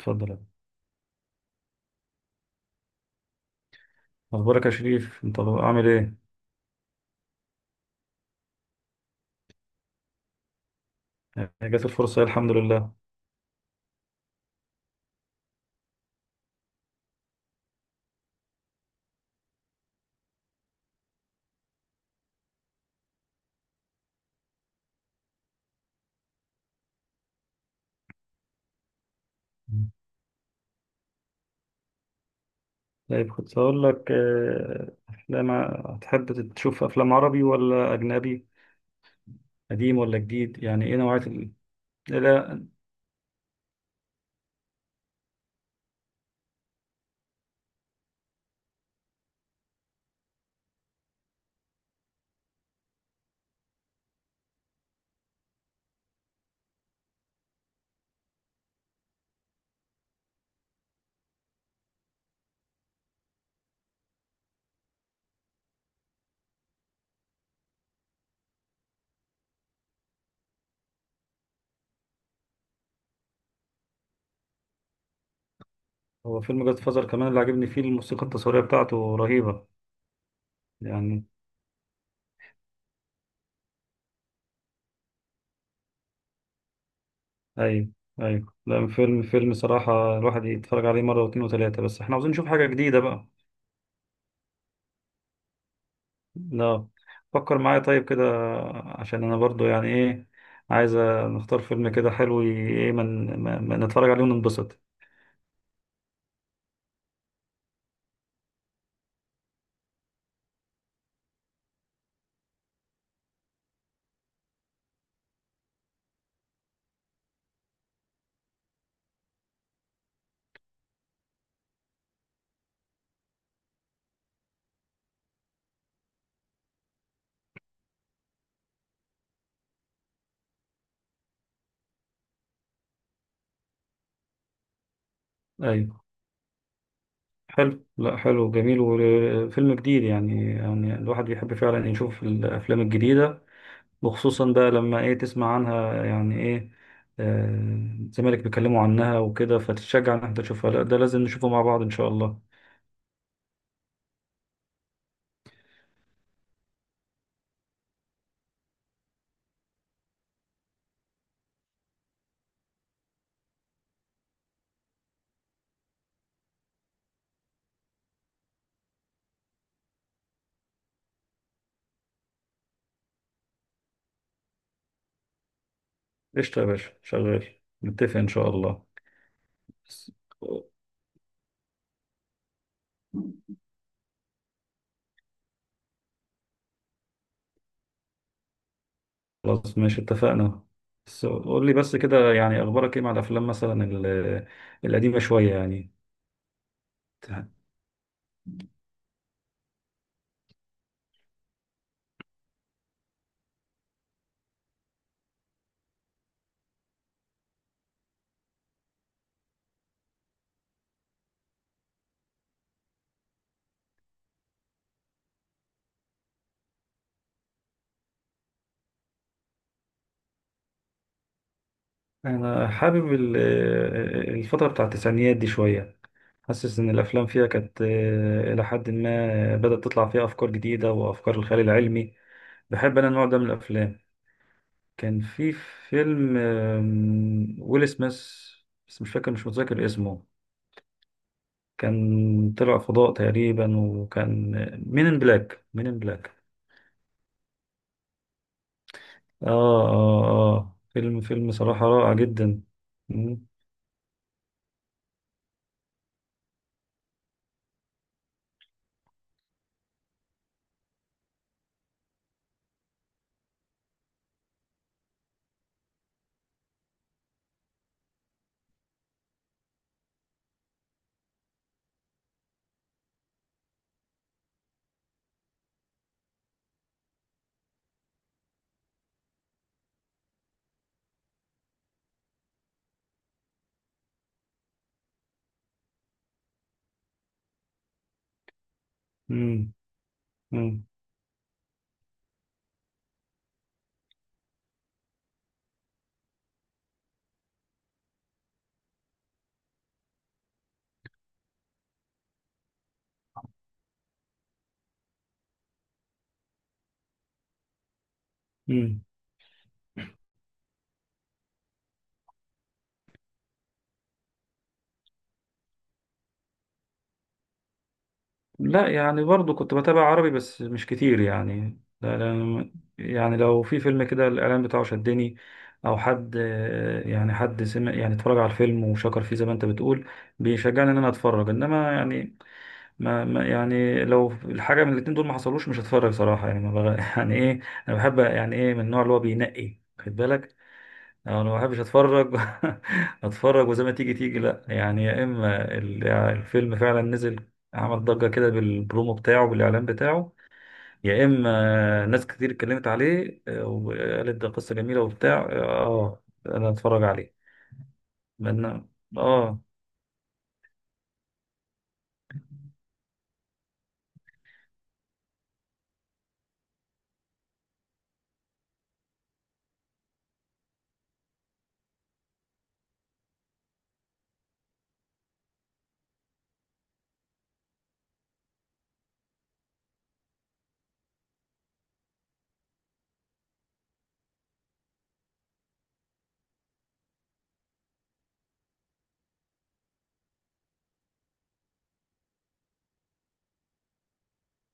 اتفضل. اخبارك يا شريف، انت عامل ايه؟ يعني جات الفرصه إيه؟ الحمد لله. طيب كنت هقول لك، افلام، هتحب تشوف افلام عربي ولا اجنبي؟ قديم ولا جديد؟ يعني ايه نوعيه إيه؟ لا، هو فيلم جاد فازر كمان اللي عجبني فيه الموسيقى التصويريه بتاعته رهيبه. يعني ايوه. ايوه، لا فيلم صراحه الواحد يتفرج عليه مره واتنين وتلاته، بس احنا عاوزين نشوف حاجه جديده بقى. لا، فكر معايا طيب كده، عشان انا برضو يعني ايه، عايز نختار فيلم كده حلو، ايه، من نتفرج عليه وننبسط. ايوه حلو، لا حلو جميل، وفيلم جديد يعني، يعني الواحد بيحب فعلا يشوف الافلام الجديدة، وخصوصا بقى لما ايه، تسمع عنها يعني ايه، زمالك بيتكلموا عنها وكده فتتشجع ان انت تشوفها. لا ده لازم نشوفه مع بعض ان شاء الله. قشطة يا باشا، شغال، نتفق ان شاء الله. خلاص ماشي اتفقنا. بس قول لي بس كده، يعني اخبارك ايه مع الافلام مثلا القديمه شويه يعني؟ انا حابب الفتره بتاع التسعينيات دي شويه، حاسس ان الافلام فيها كانت، الى حد ما بدات تطلع فيها افكار جديده وافكار الخيال العلمي. بحب انا النوع ده من الافلام. كان في فيلم، ويل سميث، بس مش فاكر، مش متذكر اسمه. كان طلع فضاء تقريبا، وكان مين ان بلاك، مين ان بلاك. اه. اه. اه فيلم صراحة رائع جدا. مم. مم. مم. مم. لا يعني برضو كنت بتابع عربي بس مش كتير يعني، لا لا. يعني لو في فيلم كده الإعلان بتاعه شدني، أو حد يعني، حد سمع، يعني اتفرج على الفيلم وشكر فيه زي ما أنت بتقول، بيشجعني إن أنا أتفرج. إنما يعني، يعني لو الحاجة من الاتنين دول ما حصلوش مش هتفرج صراحة يعني ما بغ... يعني إيه، أنا بحب يعني إيه، من النوع اللي هو بينقي، خد بالك، انا ما بحبش اتفرج اتفرج وزي ما تيجي تيجي. لا يعني، يا اما الفيلم فعلا نزل، عمل ضجة كده بالبرومو بتاعه، بالاعلان بتاعه، يا اما ناس كتير اتكلمت عليه، وقالت ده قصة جميلة وبتاع، اه، انا اتفرج عليه. لان، اه،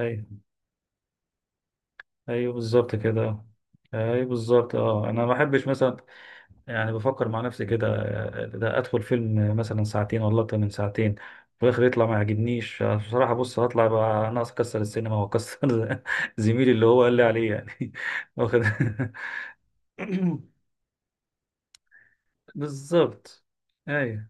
ايوه، ايوه بالظبط كده. ايوه بالظبط، اه انا ما بحبش مثلا، يعني بفكر مع نفسي كده، ده ادخل فيلم مثلا ساعتين ولا اكتر من ساعتين، في الاخر يطلع ما يعجبنيش. بصراحه، بص هطلع بقى ناقص اكسر السينما واكسر زميلي اللي هو قال لي عليه يعني واخد. بالظبط. ايوه.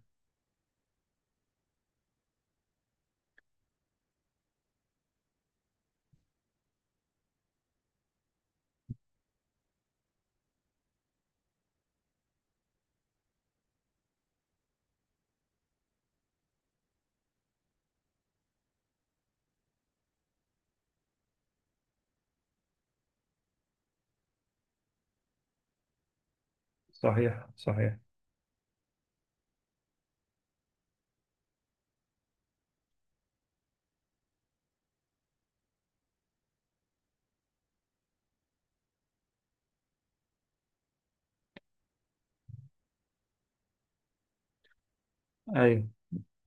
صحيح صحيح. ايوه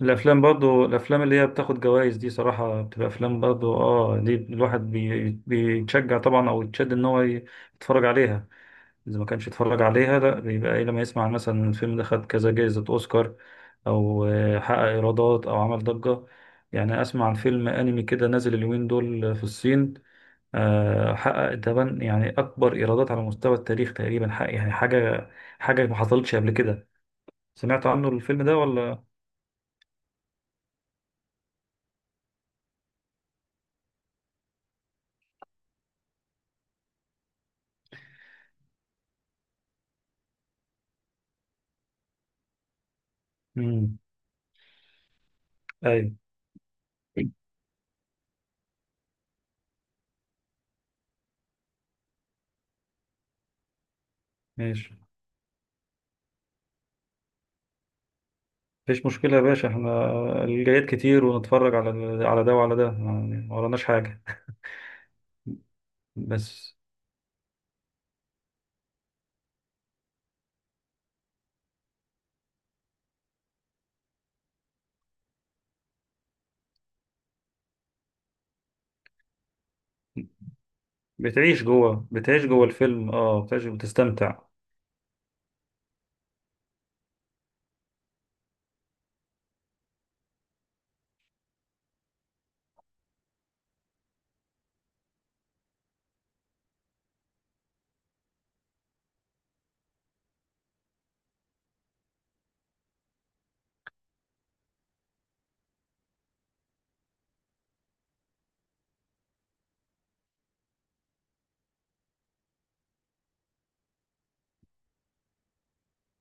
الافلام برضو، الافلام اللي هي بتاخد جوائز دي صراحه بتبقى افلام برضو اه دي الواحد بيتشجع طبعا او يتشد ان هو يتفرج عليها. إذا ما كانش اتفرج عليها، لا بيبقى إيه، لما يسمع مثلا إن الفيلم ده خد كذا جائزة أوسكار، أو حقق إيرادات أو عمل ضجة. يعني أسمع عن فيلم أنمي كده نازل اليومين دول في الصين، حقق تبان يعني أكبر إيرادات على مستوى التاريخ تقريبا، حق يعني حاجة، ما حصلتش قبل كده. سمعت عنه الفيلم ده ولا؟ مم. أيوه ماشي، مفيش مشكلة يا باشا، احنا الجايات كتير، ونتفرج على على ده وعلى ده يعني، ما وراناش حاجة. بس بتعيش جوه، بتعيش جوه الفيلم، اه بتعيش، بتستمتع.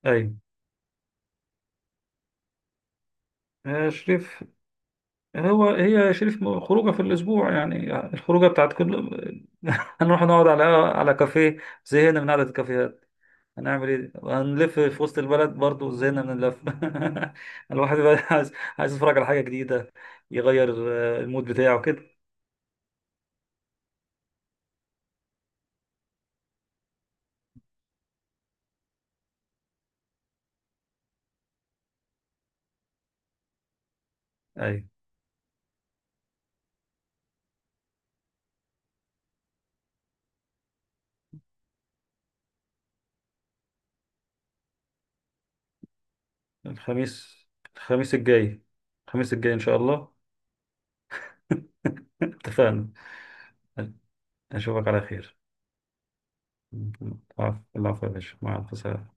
ايوه، شريف، هو هي شريف خروجه في الاسبوع يعني، الخروجه بتاعت كل هنروح نقعد على على كافيه، زهقنا من قعده الكافيهات. هنعمل ايه، هنلف في وسط البلد، برضو زهقنا من اللف. الواحد بقى عايز، عايز يتفرج على حاجه جديده، يغير المود بتاعه كده. ايوه. الخميس، الخميس الجاي، الخميس الجاي ان شاء الله. اتفقنا. اشوفك على خير. العفو، العفو يا باشا، مع الف سلامة.